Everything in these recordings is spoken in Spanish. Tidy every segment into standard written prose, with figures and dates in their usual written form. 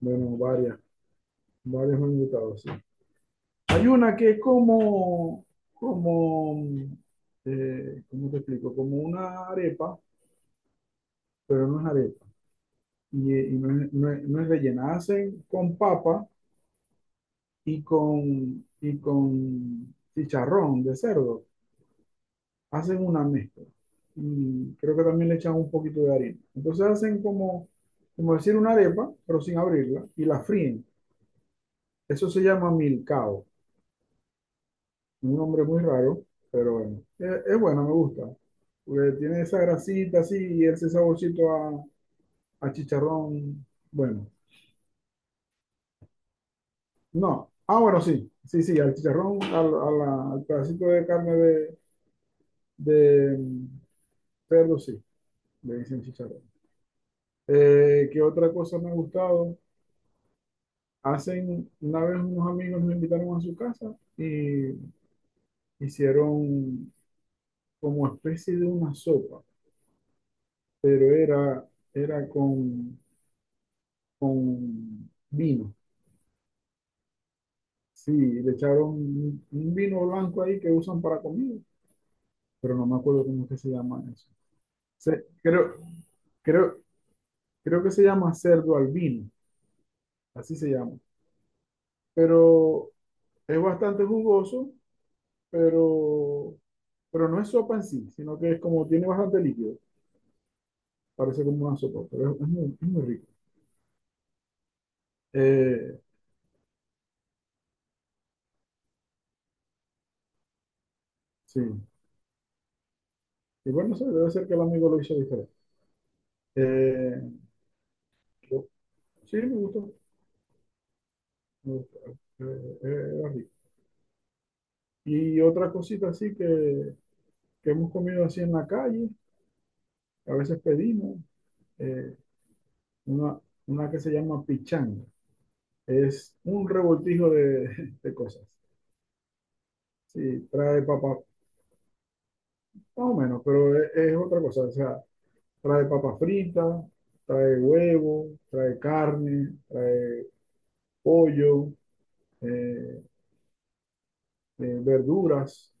Bueno, varias, varias me han gustado, sí. Hay una que es como, ¿cómo te explico? Como una arepa, pero no es arepa. Y no es rellena. Hacen con papa y con chicharrón de cerdo. Hacen una mezcla. Y creo que también le echan un poquito de harina. Entonces hacen como decir una arepa, pero sin abrirla, y la fríen. Eso se llama milcao. Un nombre muy raro, pero bueno. Es bueno, me gusta. Porque tiene esa grasita así y ese saborcito a chicharrón. Bueno, no. Ah, bueno, sí. Sí, sí, al chicharrón, al pedacito de carne de perro, sí. Le dicen chicharrón. ¿Qué otra cosa me ha gustado? Hacen, una vez unos amigos me invitaron a su casa y hicieron como especie de una sopa, pero era con vino. Sí, le echaron un vino blanco ahí que usan para comida, pero no me acuerdo cómo es que se llama eso. Se- creo, creo, creo que se llama cerdo al vino, así se llama. Pero es bastante jugoso, pero, pero no es sopa en sí, sino que es como tiene bastante líquido. Parece como una sopa, pero es muy rico. Eh, sí. Y bueno, no sé, debe ser que el amigo lo hizo diferente. Eh, yo- sí, me gustó. Me gustó. Era rico. Y otra cosita así que hemos comido así en la calle, a veces pedimos, eh, una, una que se llama pichanga. Es un revoltijo de cosas. Sí, trae papa, más o menos, pero es otra cosa. O sea, trae papa frita, trae huevo, trae carne, trae pollo, eh, verduras,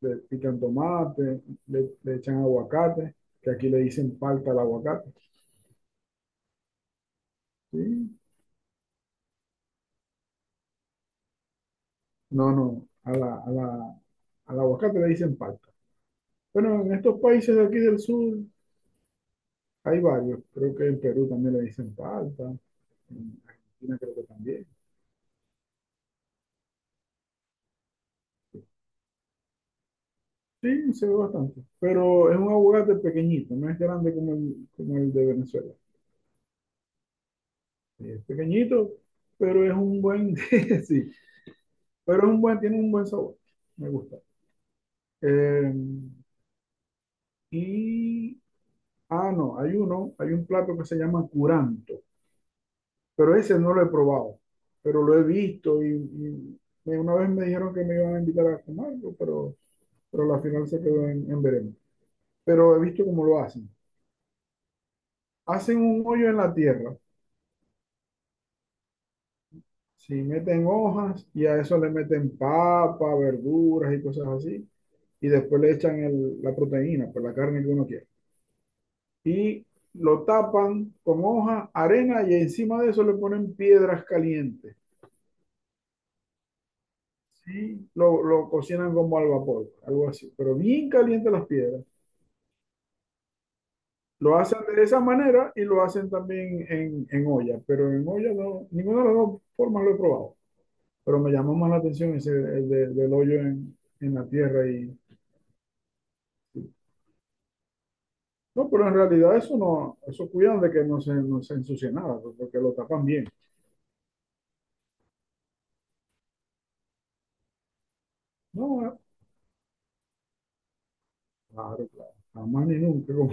le pican tomate, le echan aguacate, que aquí le dicen palta al aguacate. ¿Sí? No, no, al aguacate le dicen palta. Bueno, en estos países de aquí del sur hay varios. Creo que en Perú también le dicen palta, en Argentina creo que también. Sí, se ve bastante. Pero es un aguacate pequeñito, no es grande como el de Venezuela. Sí, es pequeñito, pero es un buen, sí, tiene un buen sabor. Me gusta. Eh, y, no, hay un plato que se llama curanto. Pero ese no lo he probado, pero lo he visto una vez me dijeron que me iban a invitar a comerlo, pero la final se quedó en veremos. Pero he visto cómo lo hacen. Hacen un hoyo en la tierra, si meten hojas y a eso le meten papa, verduras y cosas así, y después le echan la proteína, pues la carne que uno quiere. Y lo tapan con hoja, arena y encima de eso le ponen piedras calientes. Sí, lo cocinan como al vapor, algo así, pero bien caliente las piedras. Lo hacen de esa manera y lo hacen también en olla, pero en olla no, ninguna de las dos formas lo he probado. Pero me llamó más la atención ese del hoyo en la tierra y. No, pero en realidad eso no, eso cuidan de que no se ensucie nada, pues, porque lo tapan bien. No, claro, claro, jamás ni nunca, como,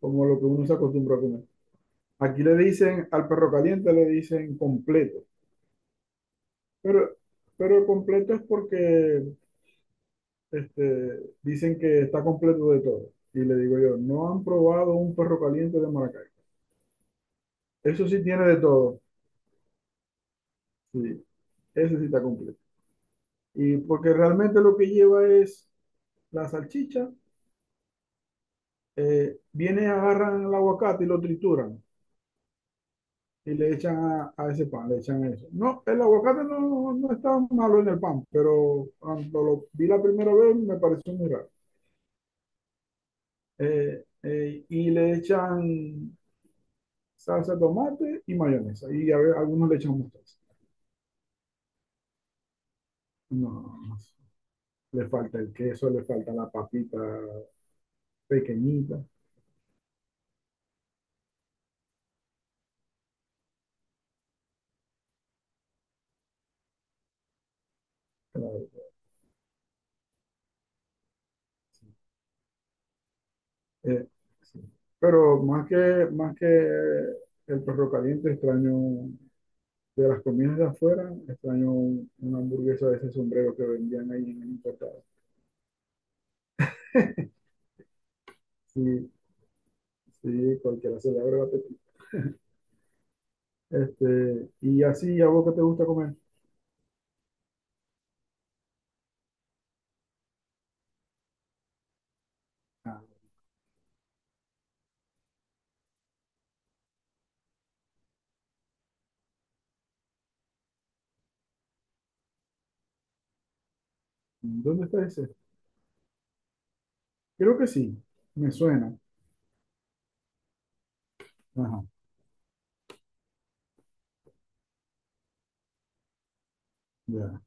como lo que uno se acostumbra a comer. Al perro caliente le dicen completo. Pero, pero completo es porque dicen que está completo de todo. Y le digo yo, no han probado un perro caliente de Maracaibo. Eso sí tiene de todo. Sí, ese sí está completo. Y porque realmente lo que lleva es la salchicha, viene, agarran el aguacate y lo trituran y le echan a ese pan, le echan eso. No, el aguacate no está malo en el pan, pero cuando lo vi la primera vez me pareció muy raro. Y le echan salsa de tomate y mayonesa. Y a ver, algunos le echamos mostaza. No, no, no. Le falta el queso, le falta la papita pequeñita. Claro, sí. Eh, sí. Pero más que el perro caliente, extraño de las comidas de afuera, extraño una hamburguesa de ese sombrero que vendían ahí en el importado. Sí, sí, cualquiera se le abre el apetito. Y así, ¿a vos qué te gusta comer? Ah, ¿dónde está ese? Creo que sí, me suena. Ajá, ya,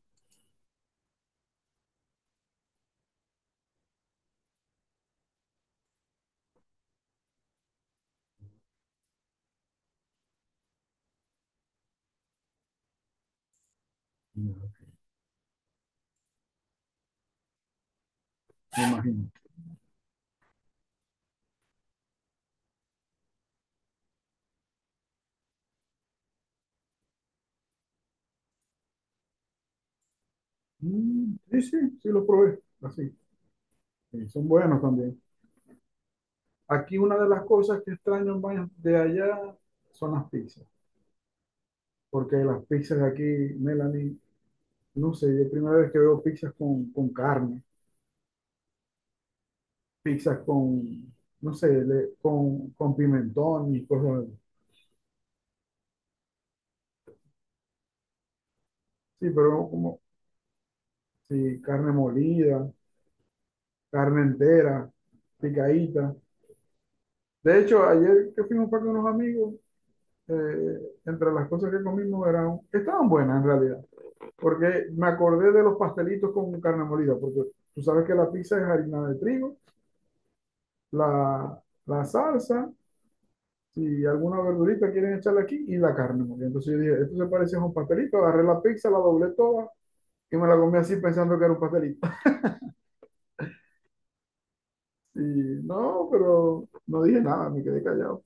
ya. Me imagino. Mm, sí, sí, sí los probé, así. Sí, son buenos también. Aquí una de las cosas que extraño más de allá son las pizzas, porque las pizzas de aquí, Melanie, no sé, yo primera vez que veo pizzas con carne, pizzas con, no sé, con pimentón y cosas así. Sí, pero como, sí, carne molida, carne entera, picadita. De hecho, ayer que fuimos para con unos amigos, eh, entre las cosas que comimos eran, estaban buenas en realidad, porque me acordé de los pastelitos con carne molida, porque tú sabes que la pizza es harina de trigo, la, la salsa, si alguna verdurita quieren echarle aquí, y la carne molida. Entonces yo dije, esto se parece a un pastelito, agarré la pizza, la doblé toda y me la comí así pensando que era un pastelito. Y no, pero no dije nada, me quedé callado.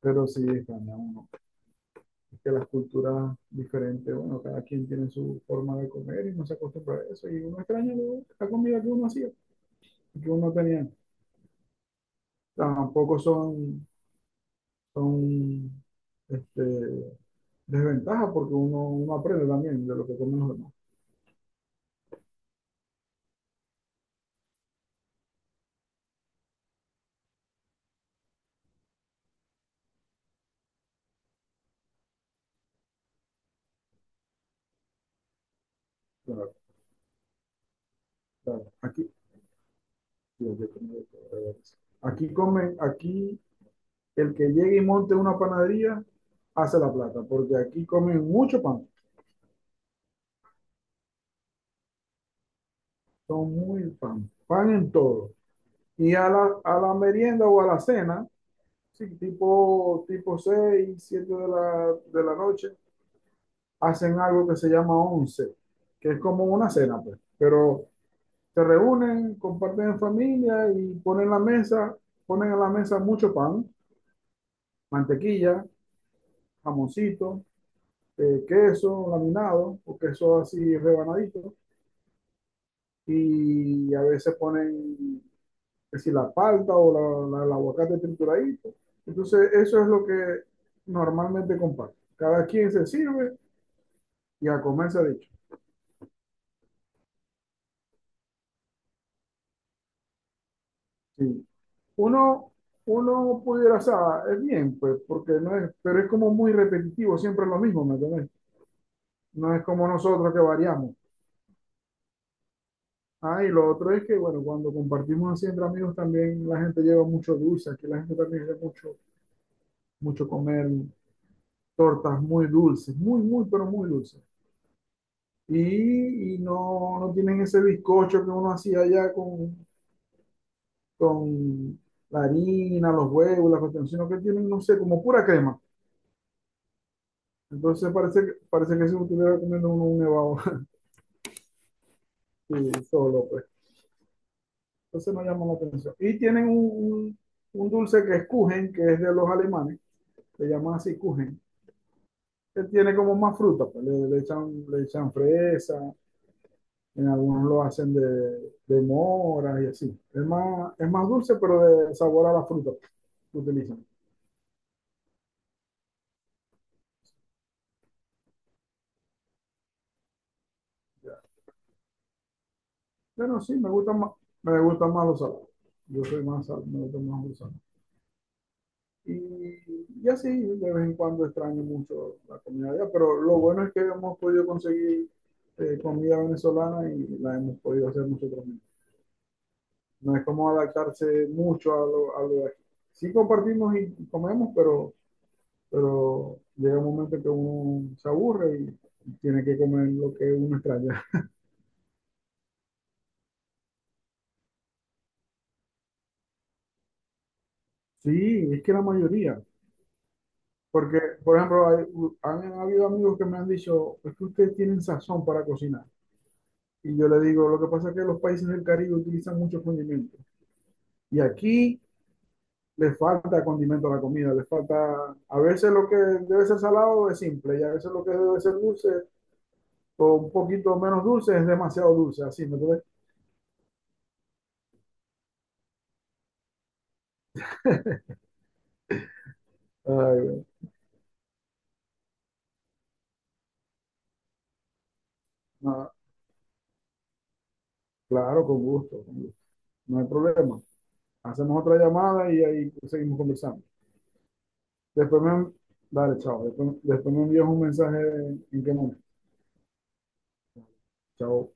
Pero sí, extraña uno que las culturas diferentes, bueno, cada quien tiene su forma de comer y no se acostumbra a eso. Y uno extraña la comida que uno hacía, que uno no tenía. Tampoco son este, desventajas porque uno aprende también de lo que comen los demás. Claro, claro. Aquí, sí, aquí comen de todo eso. Aquí el que llegue y monte una panadería hace la plata, porque aquí comen mucho pan, son muy pan, pan en todo. Y a la merienda o a la cena, sí, tipo 6, 7 de la noche, hacen algo que se llama 11, que es como una cena, pues. Pero se reúnen, comparten en familia y ponen la mesa, ponen en la mesa mucho pan, mantequilla, jamoncito, queso laminado o queso así rebanadito y a veces ponen que si la palta o el aguacate trituradito. Entonces eso es lo que normalmente comparten. Cada quien se sirve y a comer se ha dicho. Sí. Uno, uno pudiera, o sea, es bien, pues, porque no es, pero es como muy repetitivo, siempre es lo mismo, ¿me entiendes? No es como nosotros que variamos. Ah, y lo otro es que, bueno, cuando compartimos así entre amigos también la gente lleva mucho dulce, aquí la gente también lleva mucho, mucho comer tortas muy dulces, muy, muy, pero muy dulces. Y no tienen ese bizcocho que uno hacía allá con la harina, los huevos, la cuestión, sino que tienen, no sé, como pura crema. Entonces parece que si estuviera comiendo uno un nevado y solo, pues. Entonces no llama la atención. Y tienen un dulce que es Kuchen, que es de los alemanes, le llaman así Kuchen, que tiene como más fruta, pues. Le echan fresa, en algunos lo hacen de mora y así. Es más dulce, pero de sabor a la fruta que utilizan. Bueno, sí, me gustan más los salados. Yo soy más sal, me gustan más los salados. Y, y así, de vez en cuando extraño mucho la comida allá, pero lo bueno es que hemos podido conseguir comida venezolana y la hemos podido hacer nosotros mismos. No es como adaptarse mucho a lo de aquí. Sí compartimos y comemos, pero llega un momento que uno se aburre y tiene que comer lo que uno extraña. Sí, es que la mayoría. Porque, por ejemplo, han habido amigos que me han dicho, es que ustedes tienen sazón para cocinar. Y yo le digo, lo que pasa es que los países del Caribe utilizan muchos condimentos. Y aquí le falta condimento a la comida, le falta, a veces lo que debe ser salado es simple y a veces lo que debe ser dulce o un poquito menos dulce es demasiado dulce, así, ¿me entiendes? Ay, no, claro, con gusto, no hay problema. Hacemos otra llamada y ahí seguimos conversando. Después me, dale, chao. Después me envías un mensaje en qué momento. Chao.